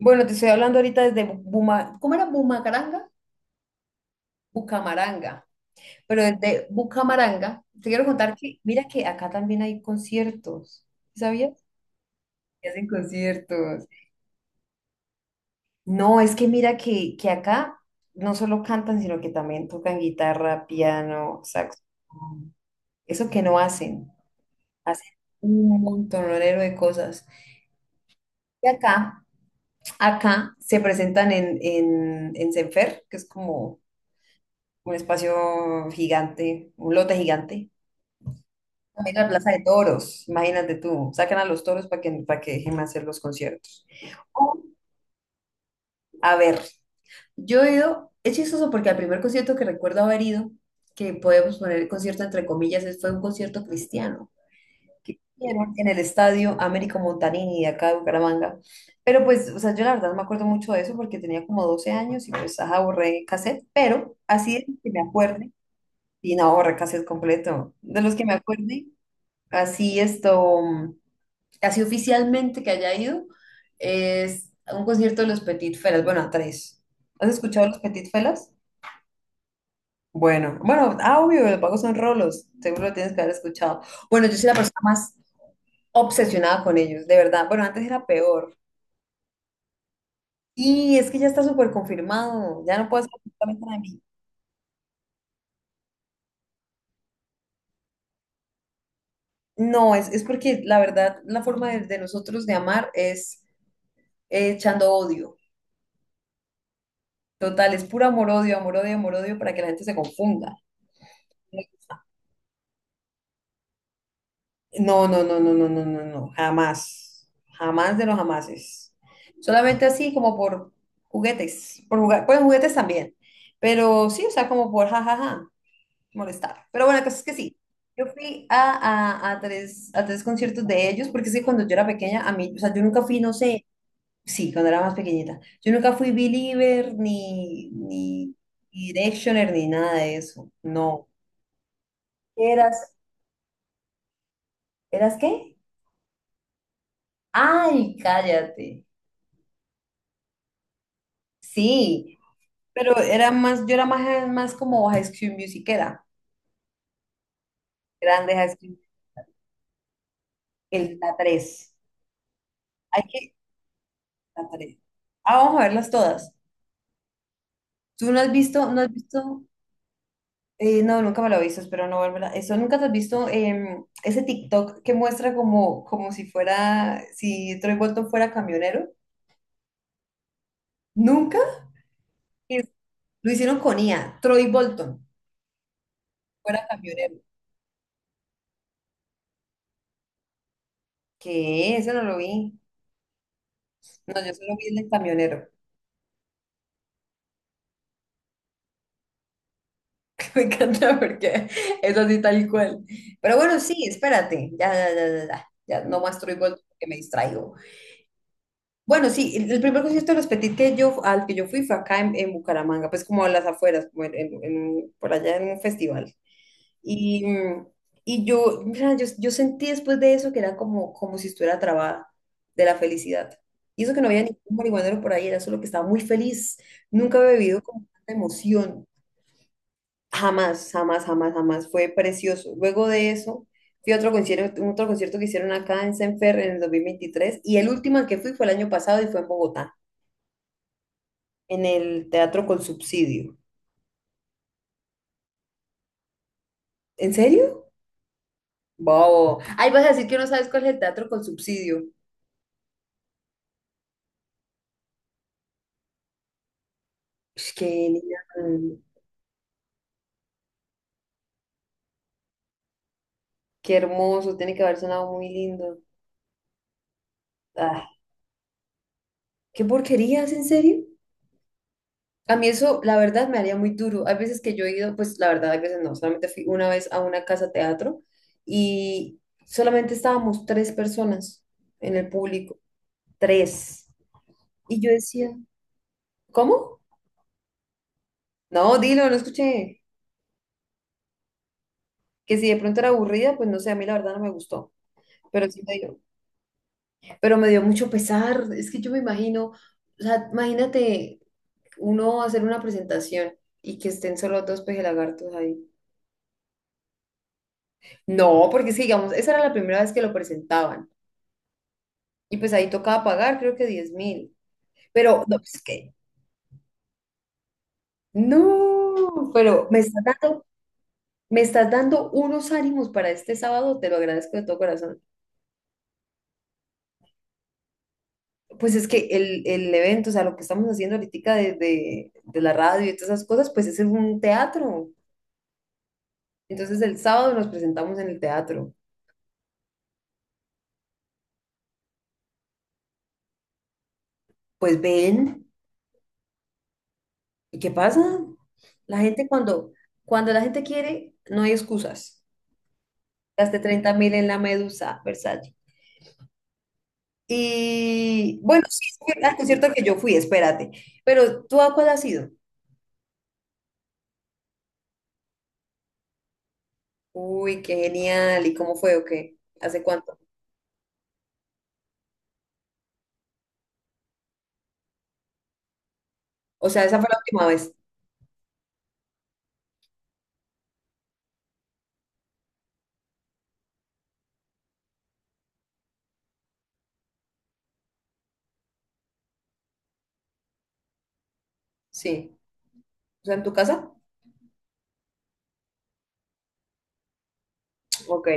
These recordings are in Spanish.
Bueno, te estoy hablando ahorita desde Buma, ¿cómo era Bumacaranga? Bucamaranga. Pero desde Bucamaranga, te quiero contar que, mira que acá también hay conciertos, ¿sí, sabías? Que hacen conciertos. No, es que mira que, acá no solo cantan, sino que también tocan guitarra, piano, saxo. Eso que no hacen, hacen un montonero de cosas. Y acá se presentan en, Senfer, que es como un espacio gigante, un lote gigante. También la Plaza de Toros, imagínate tú, sacan a los toros para que dejen hacer los conciertos. O, A ver, yo he ido, es chistoso porque al primer concierto que recuerdo haber ido, que podemos poner el concierto entre comillas, fue un concierto cristiano que hicieron en el estadio Américo Montanini de acá de Bucaramanga. Pero pues, o sea, yo la verdad no me acuerdo mucho de eso porque tenía como 12 años y pues, ajá, borré cassette, pero así es que me acuerdo. Y no, Borracas es completo. De los que me acuerde, así esto, así oficialmente que haya ido, es a un concierto de los Petit Felas, bueno, a tres. ¿Has escuchado a los Petit Felas? Bueno, bueno, ah, obvio, los pagos son rolos, seguro lo tienes que haber escuchado. Bueno, yo soy la persona más obsesionada con ellos, de verdad. Bueno, antes era peor. Y es que ya está súper confirmado, ya no puedo hacer absolutamente nada de mí. No, es porque la verdad, la forma de nosotros de amar es echando odio. Total, es puro amor-odio, amor-odio, amor-odio para que la gente se confunda. No, no, no, no, no, no, no, no, jamás, jamás de los jamases. Solamente así como por juguetes, por jugar, pues juguetes también, pero sí, o sea, como por jajaja, molestar. Pero bueno, la cosa es que sí, yo fui a tres conciertos de ellos, porque es que cuando yo era pequeña, a mí, o sea, yo nunca fui, no sé, sí, cuando era más pequeñita, yo nunca fui believer, ni Directioner, ni nada de eso, no. Eras, ¿eras qué? Ay, cállate. Sí, pero yo era más como High School Musicera, grande High School, la tres. Hay que, la tres. Ah, vamos a verlas todas. ¿Tú no has visto? No, nunca me lo he visto. Espero no volverla. Eso, ¿nunca te has visto ese TikTok que muestra como si Troy Bolton fuera camionero? ¿Nunca? Es- Lo hicieron con IA, Troy Bolton fuera camionero. ¿Qué? Eso no lo vi. No, yo solo vi el del camionero, que me encanta porque es así tal cual. Pero bueno, sí, espérate, ya, ya, ya, ya, ya, ya no muestro igual porque me distraigo. Bueno, sí, el primer concierto de los Petit que yo, al que yo fui fue acá en Bucaramanga, pues como a las afueras, como en por allá en un festival. Y, mm, y yo, mira, yo sentí después de eso que era como si estuviera trabada de la felicidad. Y eso que no había ningún marihuanero por ahí, era solo que estaba muy feliz. Nunca había vivido como tanta emoción. Jamás, jamás, jamás, jamás. Fue precioso. Luego de eso, fui a otro concierto que hicieron acá en Senfer en el 2023, y el último al que fui fue el año pasado y fue en Bogotá, en el Teatro con Subsidio. ¿En serio? Wow. Ay, vas a decir que no sabes cuál es el Teatro con Subsidio. Ush, qué genial. Qué hermoso. Tiene que haber sonado muy lindo. Ah, qué porquerías, ¿en serio? A mí eso, la verdad, me haría muy duro. Hay veces que yo he ido, pues la verdad, hay veces no, solamente fui una vez a una casa teatro y solamente estábamos tres personas en el público, tres. Y yo decía, ¿cómo? No, dilo, no escuché. Que si de pronto era aburrida, pues no sé, a mí la verdad no me gustó, pero sí me dio, pero me dio mucho pesar. Es que yo me imagino, o sea, imagínate uno hacer una presentación y que estén solo dos pejelagartos ahí. No, porque sí, digamos, esa era la primera vez que lo presentaban. Y pues ahí tocaba pagar, creo que 10.000. Pero, no, es que, no, pero me estás dando unos ánimos para este sábado, te lo agradezco de todo corazón. Pues es que el evento, o sea, lo que estamos haciendo ahorita de la radio y todas esas cosas, pues es en un teatro. Entonces el sábado nos presentamos en el teatro. Pues ven, ¿y qué pasa? La gente cuando, cuando la gente quiere, no hay excusas. Gasté 30.000 en la medusa. Y bueno, sí, fue al concierto que yo fui, espérate. Pero ¿tú a cuál has ido? Uy, qué genial. ¿Y cómo fue o qué? ¿Hace cuánto? O sea, esa fue la última vez. Sí. O sea, ¿en tu casa? Ok.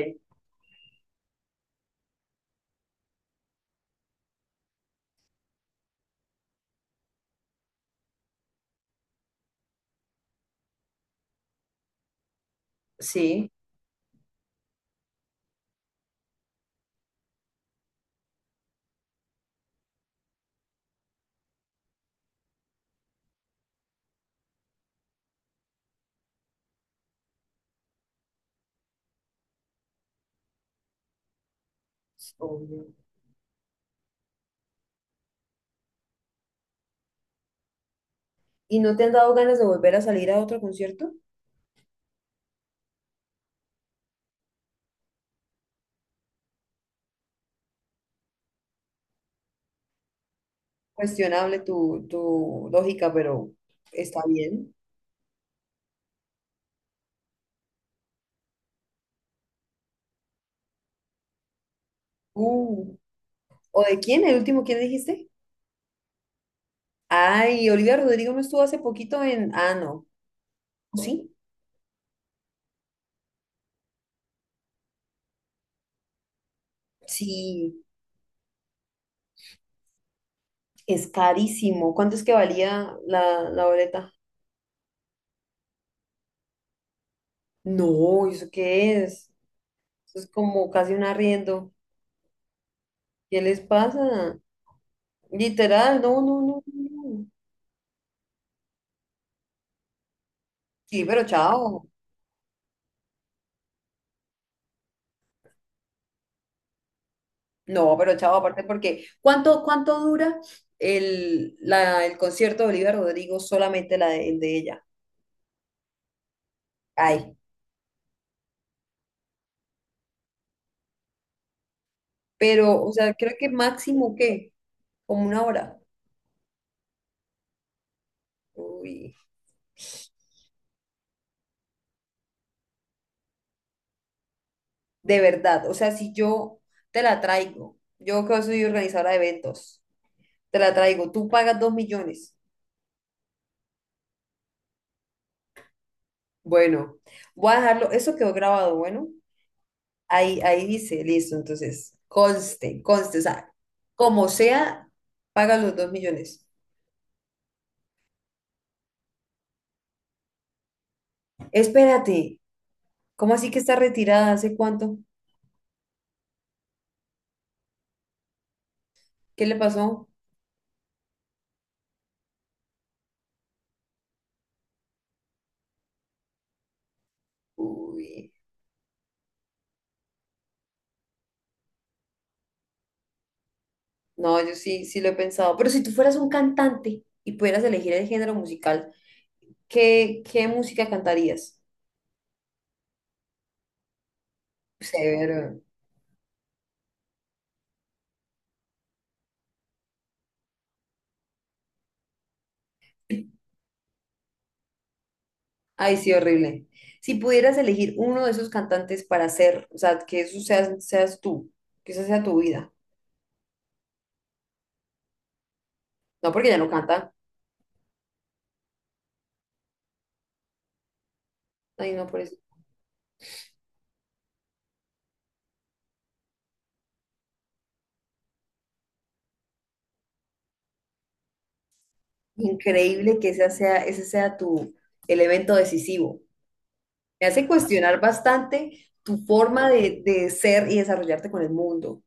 Sí. Obvio. ¿Y no te han dado ganas de volver a salir a otro concierto? Cuestionable tu lógica, pero está bien. Uh, ¿o de quién? ¿El último quién dijiste? Ay, Olivia Rodrigo no estuvo hace poquito en. Ah, no. ¿Sí? Sí, es carísimo. ¿Cuánto es que valía la boleta? No, ¿eso qué es? Eso es como casi un arriendo. ¿Qué les pasa? Literal, no, no, no, no. Sí, pero chao. No, pero chao, aparte porque ¿cuánto dura el concierto de Olivia Rodrigo? Solamente el de ella. Ay, pero, o sea, creo que máximo, ¿qué? Como una hora. Uy, de verdad. O sea, si yo te la traigo, yo que soy organizadora de eventos. Te la traigo. Tú pagas 2 millones. Bueno, voy a dejarlo. Eso quedó grabado, bueno. Ahí dice, listo. Entonces, conste, conste. O sea, como sea, paga los 2 millones. Espérate. ¿Cómo así que está retirada? ¿Hace cuánto? ¿Qué le pasó? Uy, no, yo sí, sí lo he pensado. Pero si tú fueras un cantante y pudieras elegir el género musical, ¿qué música cantarías? Severo. Ay, sí, horrible. Si pudieras elegir uno de esos cantantes para ser, o sea, que eso seas tú, que esa sea tu vida. No porque ya no canta. Ay, no, por eso. Increíble que ese sea tu elemento decisivo. Me hace cuestionar bastante tu forma de ser y desarrollarte con el mundo.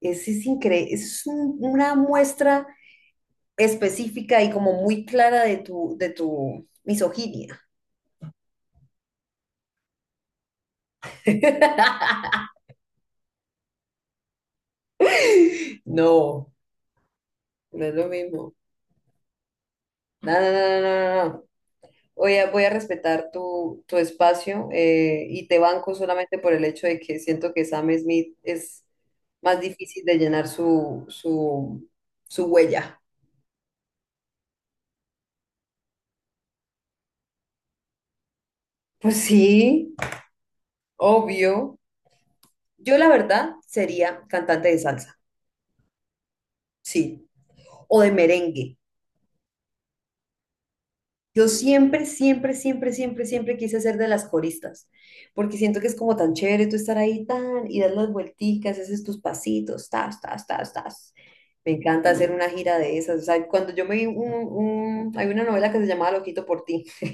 Ese es increíble, es una muestra específica y como muy clara de tu misoginia. No, no es lo mismo. No, no, no, no, no, no, no. Voy a respetar tu espacio, y te banco solamente por el hecho de que siento que Sam Smith es más difícil de llenar su, su huella. Pues sí, obvio. Yo la verdad sería cantante de salsa, sí, o de merengue. Yo siempre, siempre, siempre, siempre, siempre quise ser de las coristas, porque siento que es como tan chévere tú estar ahí tan y dar las vuelticas, haces tus pasitos, tas, tas, tas, tas. Me encanta hacer una gira de esas. O sea, cuando yo me vi hay una novela que se llamaba Loquito por ti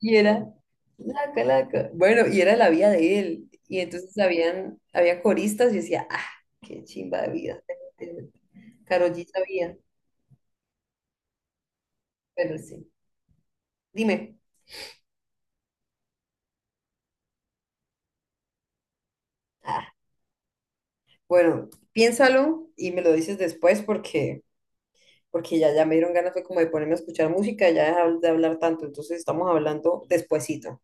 y era laca, laca. Bueno, y era la vida de él. Y entonces había coristas y decía, ah, qué chimba de vida. Karol G sabía, pero sí. Dime. Bueno, piénsalo y me lo dices después porque ya, ya me dieron ganas fue como de ponerme a escuchar música, y ya dejar de hablar tanto, entonces estamos hablando despuesito.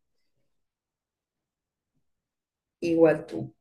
Igual tú.